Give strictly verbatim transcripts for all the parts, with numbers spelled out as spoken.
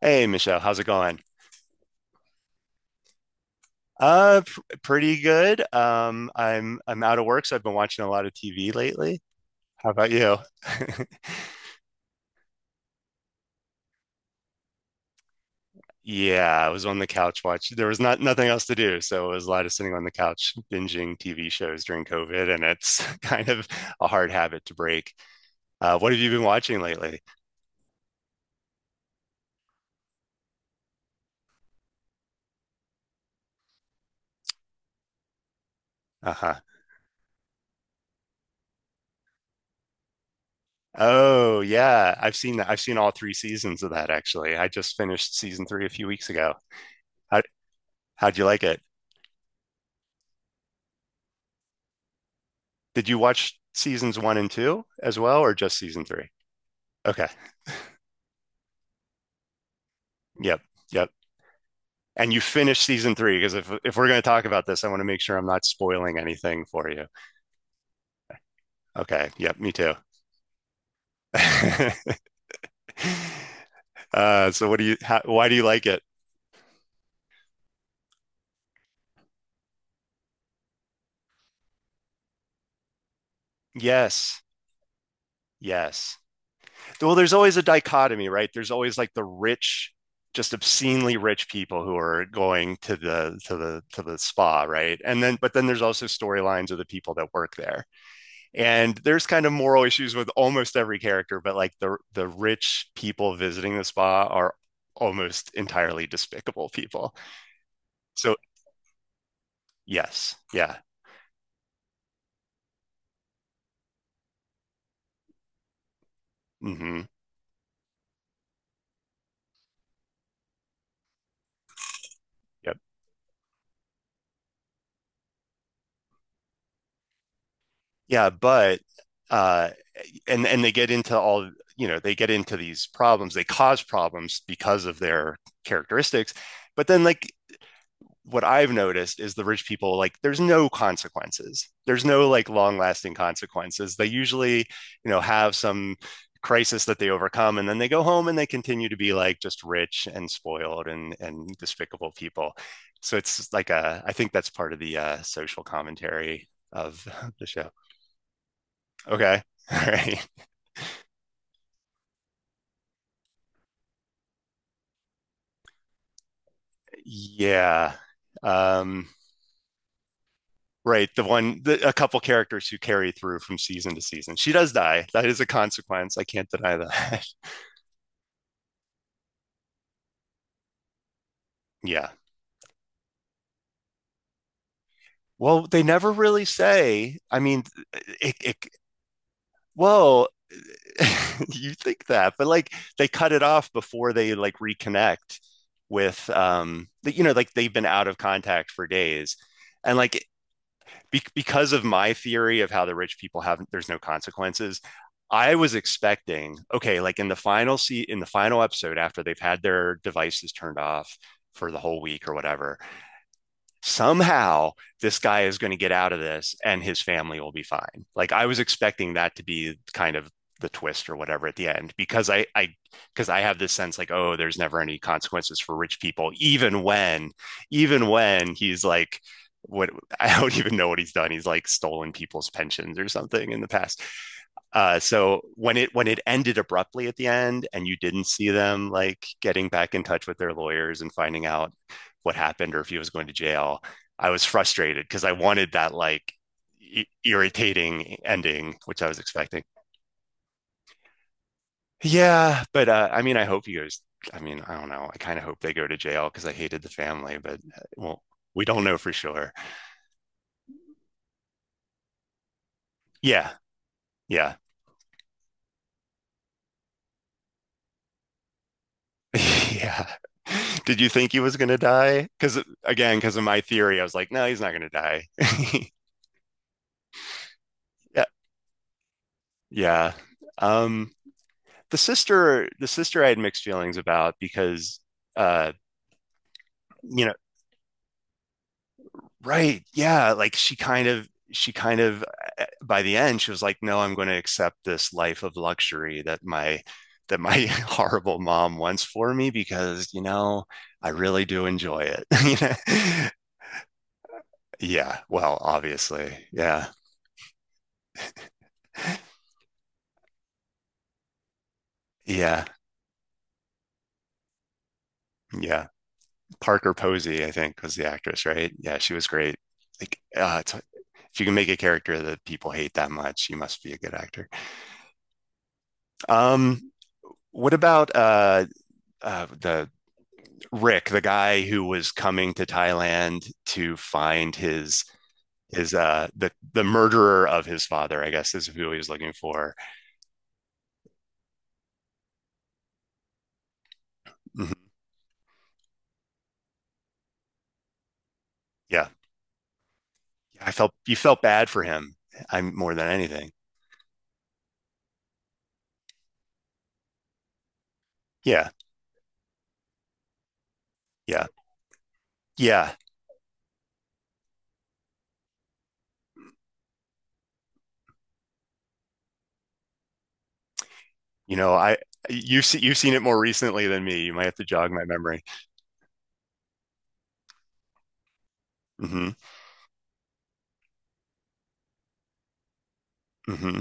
Hey Michelle, how's it going? Uh, pr pretty good. Um, I'm I'm out of work, so I've been watching a lot of T V lately. How about you? Yeah, I was on the couch watching. There was not nothing else to do, so it was a lot of sitting on the couch binging T V shows during COVID, and it's kind of a hard habit to break. Uh, what have you been watching lately? Uh-huh. Oh yeah, I've seen that. I've seen all three seasons of that actually. I just finished season three a few weeks ago. How how'd you like it? Did you watch seasons one and two as well, or just season three? Okay. Yep. Yep. And you finished season three because if if we're going to talk about this, I want to make sure I'm not spoiling anything for you. Okay. Yep. Me too. Uh, so what do you? How, why do you like it? Yes. Yes. Well, there's always a dichotomy, right? There's always like the rich, just obscenely rich people who are going to the to the to the spa, right? And then, but then there's also storylines of the people that work there. And there's kind of moral issues with almost every character, but like the the rich people visiting the spa are almost entirely despicable people. So yes, yeah, hmm yep, yeah. But uh, and and they get into all you know they get into these problems. They cause problems because of their characteristics. But then, like, what I've noticed is the rich people, like, there's no consequences. There's no like long lasting consequences. They usually, you know, have some crisis that they overcome and then they go home and they continue to be like just rich and spoiled and and despicable people, so it's like a, I think that's part of the uh, social commentary of the show. Okay. All right. Yeah. Um, right, the one, the, a couple characters who carry through from season to season. She does die. That is a consequence. I can't deny that. Yeah. Well, they never really say. I mean, it, it well, you think that, but like they cut it off before they like reconnect with um, the, you know, like they've been out of contact for days. And like be- because of my theory of how the rich people have there's no consequences, I was expecting, okay, like in the final seat in the final episode after they've had their devices turned off for the whole week or whatever, somehow this guy is going to get out of this and his family will be fine. Like I was expecting that to be kind of the twist or whatever at the end because I I because I have this sense like, oh, there's never any consequences for rich people, even when even when he's like what. I don't even know what he's done. He's like stolen people's pensions or something in the past. Uh, so when it when it ended abruptly at the end, and you didn't see them like getting back in touch with their lawyers and finding out what happened or if he was going to jail, I was frustrated because I wanted that like i- irritating ending, which I was expecting. Yeah, but uh, I mean, I hope he goes. I mean, I don't know. I kind of hope they go to jail because I hated the family, but uh, well, we don't know for sure. Yeah, yeah. Yeah. Did you think he was gonna die? Because again, because of my theory, I was like, no, he's not gonna die. Yeah, yeah. Um, the sister, the sister, I had mixed feelings about because, uh, you know, right? Yeah, like she kind of, she kind of, uh, by the end, she was like, no, I'm going to accept this life of luxury that my that my horrible mom wants for me because, you know, I really do enjoy it. You know? Yeah. Well, obviously, yeah. Yeah, yeah. Parker Posey, I think, was the actress, right? Yeah, she was great. Like, uh, it's, if you can make a character that people hate that much, you must be a good actor. Um, what about uh, uh, the Rick, the guy who was coming to Thailand to find his his uh the the murderer of his father? I guess is who he was looking for. Mhm. Yeah, I felt you felt bad for him. I'm more than anything. Yeah, yeah, yeah. You know, I you've seen you've seen it more recently than me. You might have to jog my memory. Hmm. Hmm.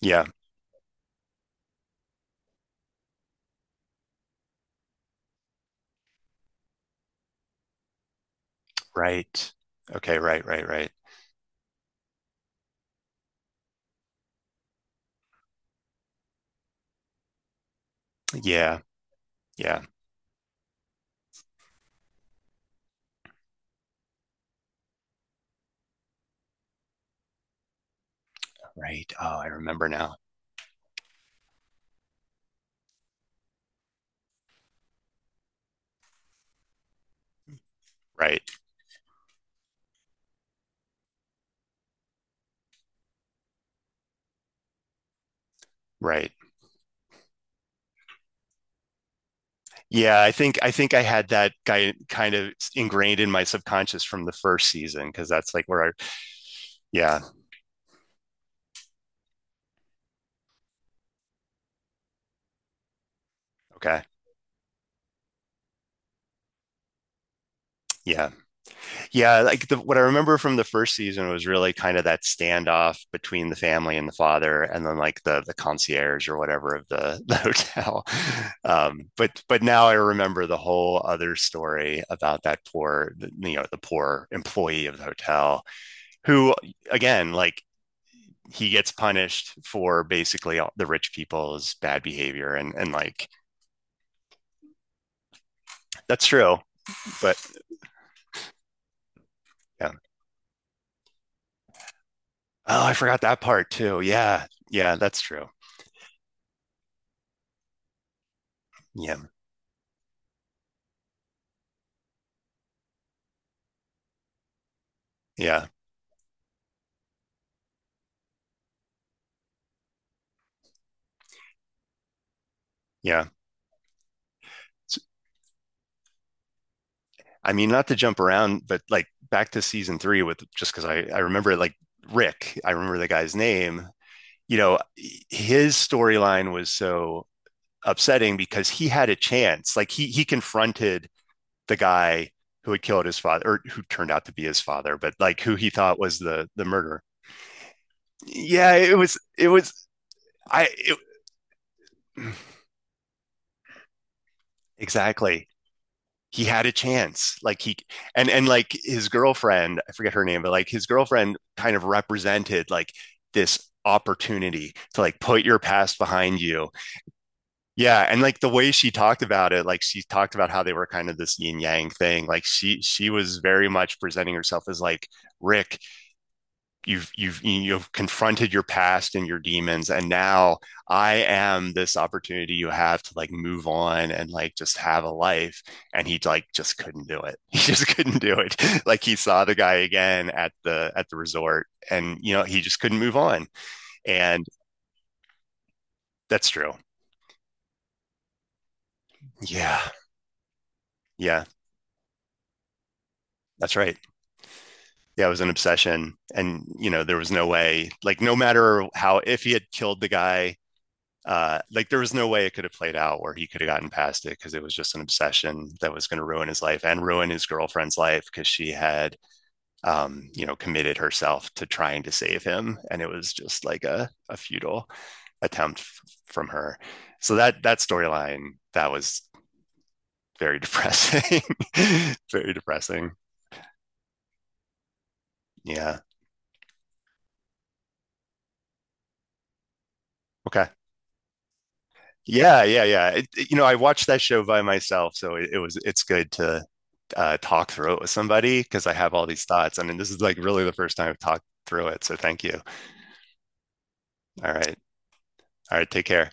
Yeah. Right. Okay. Right. Right. Right. Yeah. Yeah. Right. Oh, I remember now. Right. Right. Yeah. I think I think I had that guy kind of ingrained in my subconscious from the first season because that's like where I. Yeah. Okay. Yeah. Yeah, like the, what I remember from the first season was really kind of that standoff between the family and the father, and then like the the concierge or whatever of the, the hotel. Um, but but now I remember the whole other story about that poor, you know, the poor employee of the hotel who, again, like he gets punished for basically all the rich people's bad behavior, and and like that's true. But yeah. Oh, I forgot that part too. Yeah, yeah, that's true. Yeah, yeah, yeah. I mean, not to jump around, but like back to season three with, just because I, I remember like Rick, I remember the guy's name, you know, his storyline was so upsetting because he had a chance. Like he he confronted the guy who had killed his father or who turned out to be his father, but like who he thought was the the murderer. Yeah, it was it was I it, exactly. He had a chance. Like he and and like his girlfriend, I forget her name, but like his girlfriend kind of represented like this opportunity to like put your past behind you. Yeah. And like the way she talked about it, like she talked about how they were kind of this yin yang thing, like she she was very much presenting herself as like, Rick, you've you've you've confronted your past and your demons, and now I am this opportunity you have to like move on and like just have a life. And he like just couldn't do it. He just couldn't do it. Like he saw the guy again at the at the resort and, you know, he just couldn't move on. And that's true. Yeah. Yeah, that's right. Yeah, it was an obsession. And, you know, there was no way, like, no matter how, if he had killed the guy, uh, like there was no way it could have played out where he could have gotten past it because it was just an obsession that was going to ruin his life and ruin his girlfriend's life because she had, um, you know, committed herself to trying to save him, and it was just like a, a futile attempt f- from her. So that that storyline, that was very depressing. Very depressing. Yeah. Okay. Yeah, yeah, yeah. It, it- you know, I watched that show by myself, so it, it was, it's good to uh, talk through it with somebody because I have all these thoughts. I mean, this is like really the first time I've talked through it. So thank you. All right. All right. Take care.